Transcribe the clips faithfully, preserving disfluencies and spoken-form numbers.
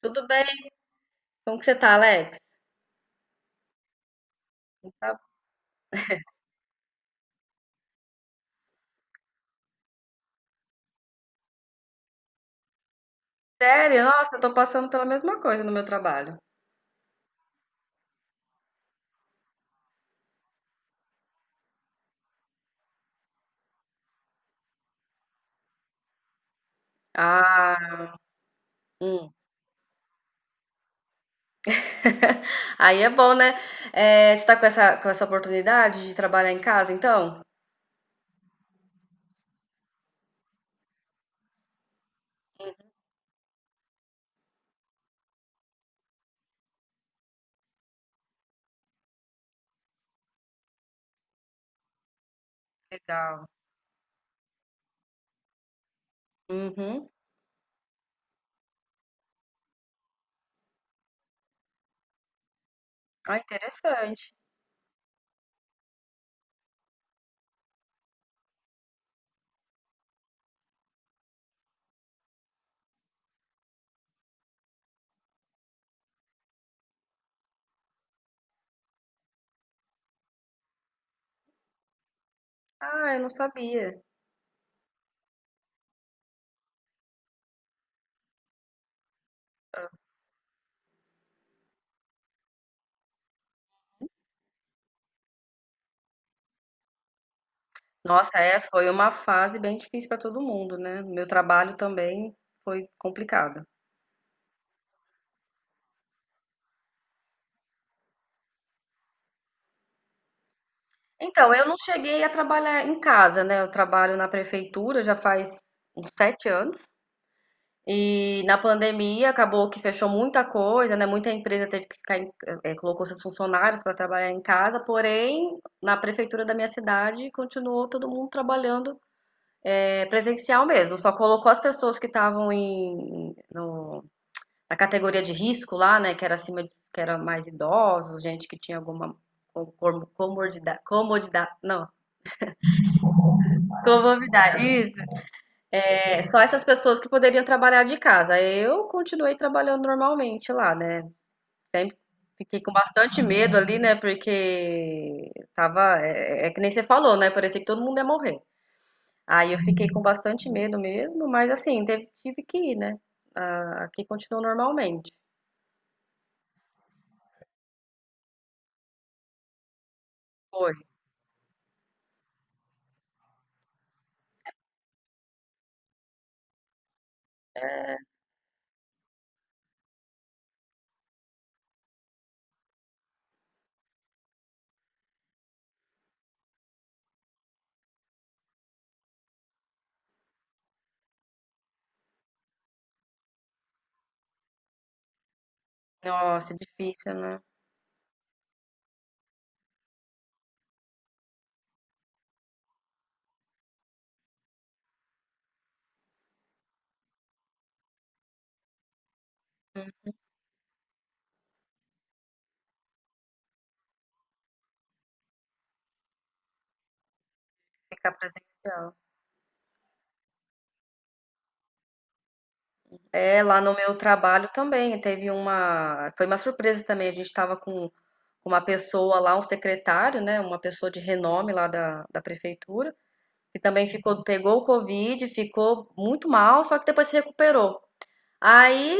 Tudo bem? Como que você tá, Alex? Tá- Sério? Nossa, eu tô passando pela mesma coisa no meu trabalho. Ah, hum. Aí é bom, né? É, você tá com essa, com essa oportunidade de trabalhar em casa, então? Legal. Uhum. Ah, interessante. Ah, eu não sabia. Nossa, é, foi uma fase bem difícil para todo mundo, né? Meu trabalho também foi complicado. Então, eu não cheguei a trabalhar em casa, né? Eu trabalho na prefeitura já faz uns sete anos. E na pandemia acabou que fechou muita coisa, né? Muita empresa teve que ficar, em, eh, colocou seus funcionários para trabalhar em casa, porém, na prefeitura da minha cidade continuou todo mundo trabalhando eh, presencial mesmo. Só colocou as pessoas que estavam em no- na categoria de risco lá, né? Que era acima de, que era mais idosos, gente que tinha alguma com- com- comodidade, comodidade, não, comorbidade, isso. É, só essas pessoas que poderiam trabalhar de casa. Eu continuei trabalhando normalmente lá, né? Sempre fiquei com bastante medo ali, né? Porque tava. É, é é que nem você falou, né? Parecia que todo mundo ia morrer. Aí eu fiquei com bastante medo mesmo, mas assim, teve- tive que ir, né? Ah, aqui continuou normalmente. Foi. Nossa, difícil, né? Ficar presencial. É, lá no meu trabalho também teve uma. Foi uma surpresa também. A gente estava com com uma pessoa lá, um secretário, né? Uma pessoa de renome lá da, da prefeitura. Que também ficou, pegou o Covid, ficou muito mal, só que depois se recuperou. Aí,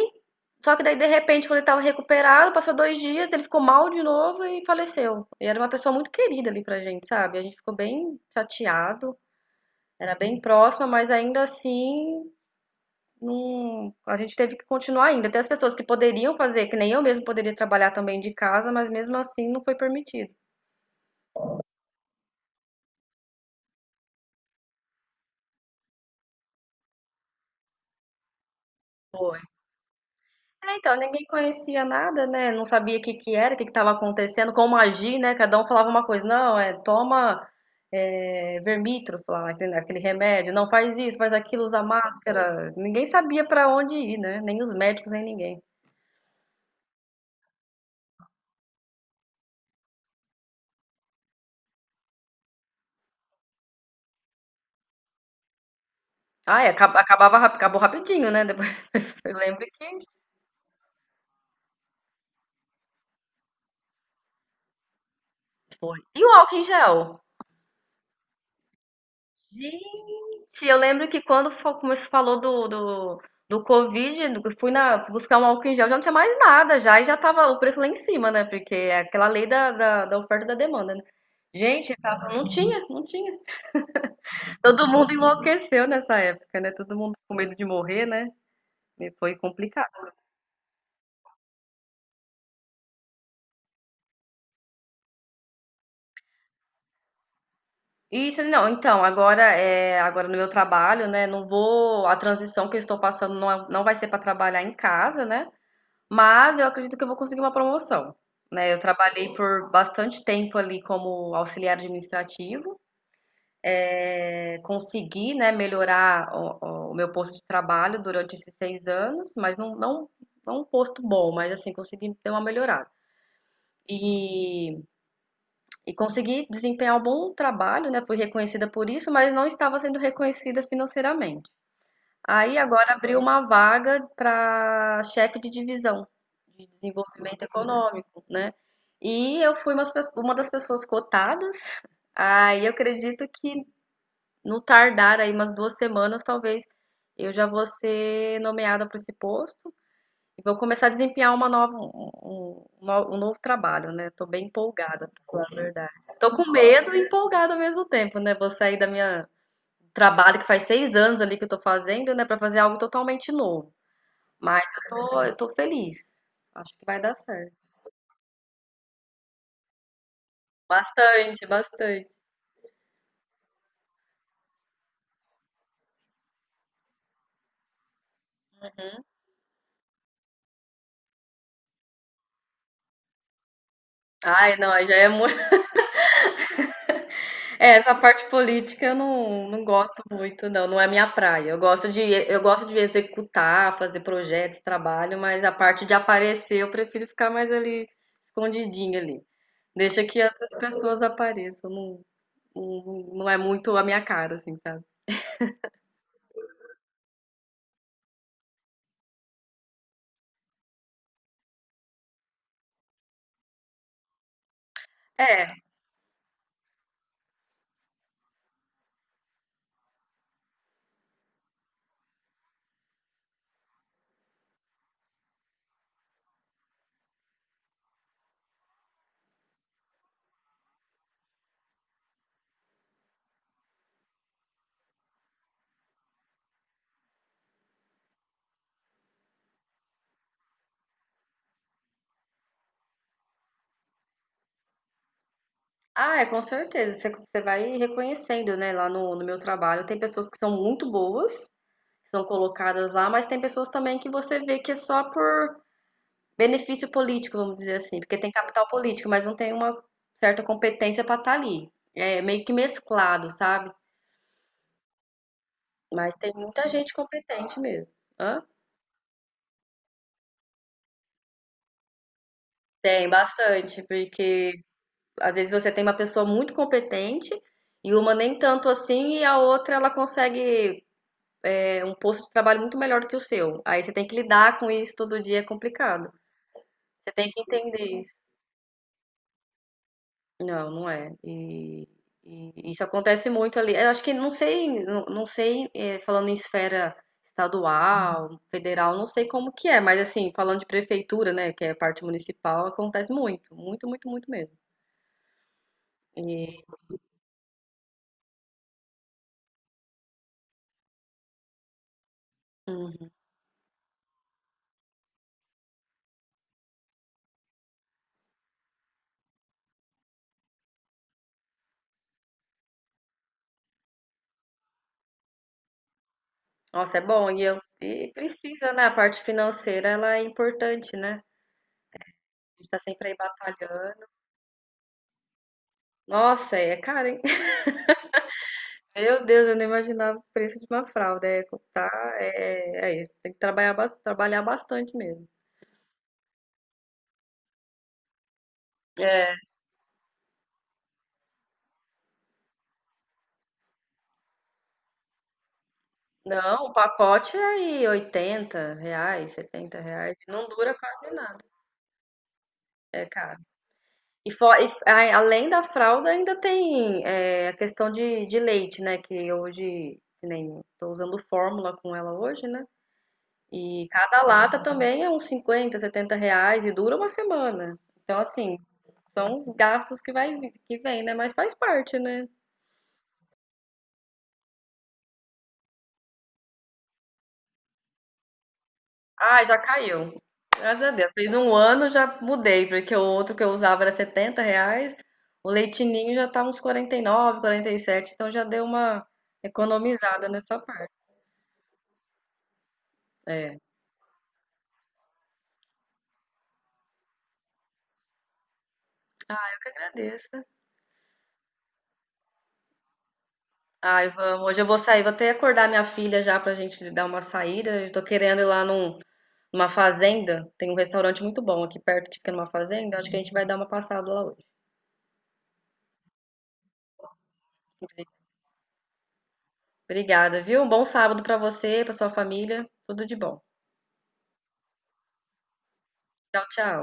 só que daí de repente, quando ele estava recuperado, passou dois dias, ele ficou mal de novo e faleceu. E era uma pessoa muito querida ali pra gente, sabe? A gente ficou bem chateado, era bem próxima, mas ainda assim, não... a gente teve que continuar ainda. Até as pessoas que poderiam fazer, que nem eu mesmo poderia trabalhar também de casa, mas mesmo assim não foi permitido. É, então, ninguém conhecia nada, né? Não sabia o que que era, o que que estava acontecendo, como agir, né? Cada um falava uma coisa, não, é, toma é, Vermitro, falava aquele, aquele remédio, não faz isso, faz aquilo, usa máscara. Ninguém sabia para onde ir, né? Nem os médicos, nem ninguém. Ah, é, acab- acabava, rap- acabou rapidinho, né? Depois eu lembro que. Foi. E o álcool em gel? Gente, eu lembro que quando fo- começou- falou do, do, do Covid, eu fui na, buscar um álcool em gel, já não tinha mais nada já, e já tava o preço lá em cima, né? Porque é aquela lei da, da, da oferta e da demanda, né? Gente, tava, não tinha, não tinha. Todo mundo enlouqueceu nessa época, né? Todo mundo com medo de morrer, né? E foi complicado. Isso, não, então, agora é, agora no meu trabalho, né? Não vou, a transição que eu estou passando não, é- não vai ser para trabalhar em casa, né? Mas eu acredito que eu vou conseguir uma promoção, né. Eu trabalhei por bastante tempo ali como auxiliar administrativo, eh, consegui, né, melhorar o o meu posto de trabalho durante esses seis anos, mas não não não um posto bom, mas assim, consegui ter uma melhorada. E e consegui desempenhar um bom trabalho, né, fui reconhecida por isso, mas não estava sendo reconhecida financeiramente. Aí agora abriu uma vaga para chefe de divisão de desenvolvimento econômico, né? E eu fui umas pes- uma das pessoas cotadas. Aí eu acredito que no tardar aí umas duas semanas, talvez eu já vou ser nomeada para esse posto e vou começar a desempenhar uma nova, um, um- um no- um novo trabalho, né? Tô bem empolgada, pra falar a verdade. Tô com medo e empolgada ao mesmo tempo, né? Vou sair da minha trabalho que faz seis anos ali que eu tô fazendo, né, pra fazer algo totalmente novo. Mas eu tô, eu tô feliz. Acho que vai dar certo. Bastante, bastante. Ai, não, aí já é muito. É, essa parte política eu não, não gosto muito, não. Não é minha praia. Eu gosto de, eu gosto de executar, fazer projetos, trabalho, mas a parte de aparecer eu prefiro ficar mais ali escondidinha ali. Deixa que outras pessoas apareçam. Não, não, não é muito a minha cara, assim, sabe? É, ah, é, com certeza. Você, você vai reconhecendo, né? Lá no, no meu trabalho, tem pessoas que são muito boas, que são colocadas lá, mas tem pessoas também que você vê que é só por benefício político, vamos dizer assim, porque tem capital político, mas não tem uma certa competência para estar ali. É meio que mesclado, sabe? Mas tem muita gente competente mesmo. Hã? Tem bastante, porque às vezes você tem uma pessoa muito competente e uma nem tanto assim, e a outra ela consegue é um posto de trabalho muito melhor do que o seu. Aí você tem que lidar com isso todo dia, é complicado. Você tem que entender isso. Não, não é. E, e isso acontece muito ali. Eu acho que não sei, não, não sei, eh, falando em esfera estadual, federal, não sei como que é, mas assim, falando de prefeitura, né, que é a parte municipal, acontece muito, muito, muito, muito mesmo. E, uhum. Nossa, é bom. E, eu, e precisa, né? A parte financeira, ela é importante, né? A gente tá sempre aí batalhando. Nossa, é caro, hein? Meu Deus, eu não imaginava o preço de uma fralda. É, tá, é, é, tem que trabalhar, bas- trabalhar bastante mesmo. É, não, o pacote é aí oitenta reais, setenta reais, não dura quase nada, é caro. E, fo- e a- além da fralda, ainda tem é, a questão de, de leite, né? Que hoje, que nem tô usando fórmula com ela hoje, né? E cada lata também é uns cinquenta, setenta reais e dura uma semana. Então, assim, são os gastos que vai, que vem, né? Mas faz parte, né? Ah, já caiu. Graças a Deus. Fez um ano, já mudei, porque o outro que eu usava era setenta reais. O leitinho já tá uns quarenta quarenta e nove, quarenta e sete, então já deu uma economizada nessa parte. É, que agradeço. Ai, vamos. Hoje eu vou sair, vou até acordar minha filha já pra gente dar uma saída. Eu tô querendo ir lá num, uma fazenda, tem um restaurante muito bom aqui perto que fica numa fazenda, acho que a gente vai dar uma passada lá hoje. Obrigada, viu? Um bom sábado pra você, pra sua família, tudo de bom. Tchau, tchau.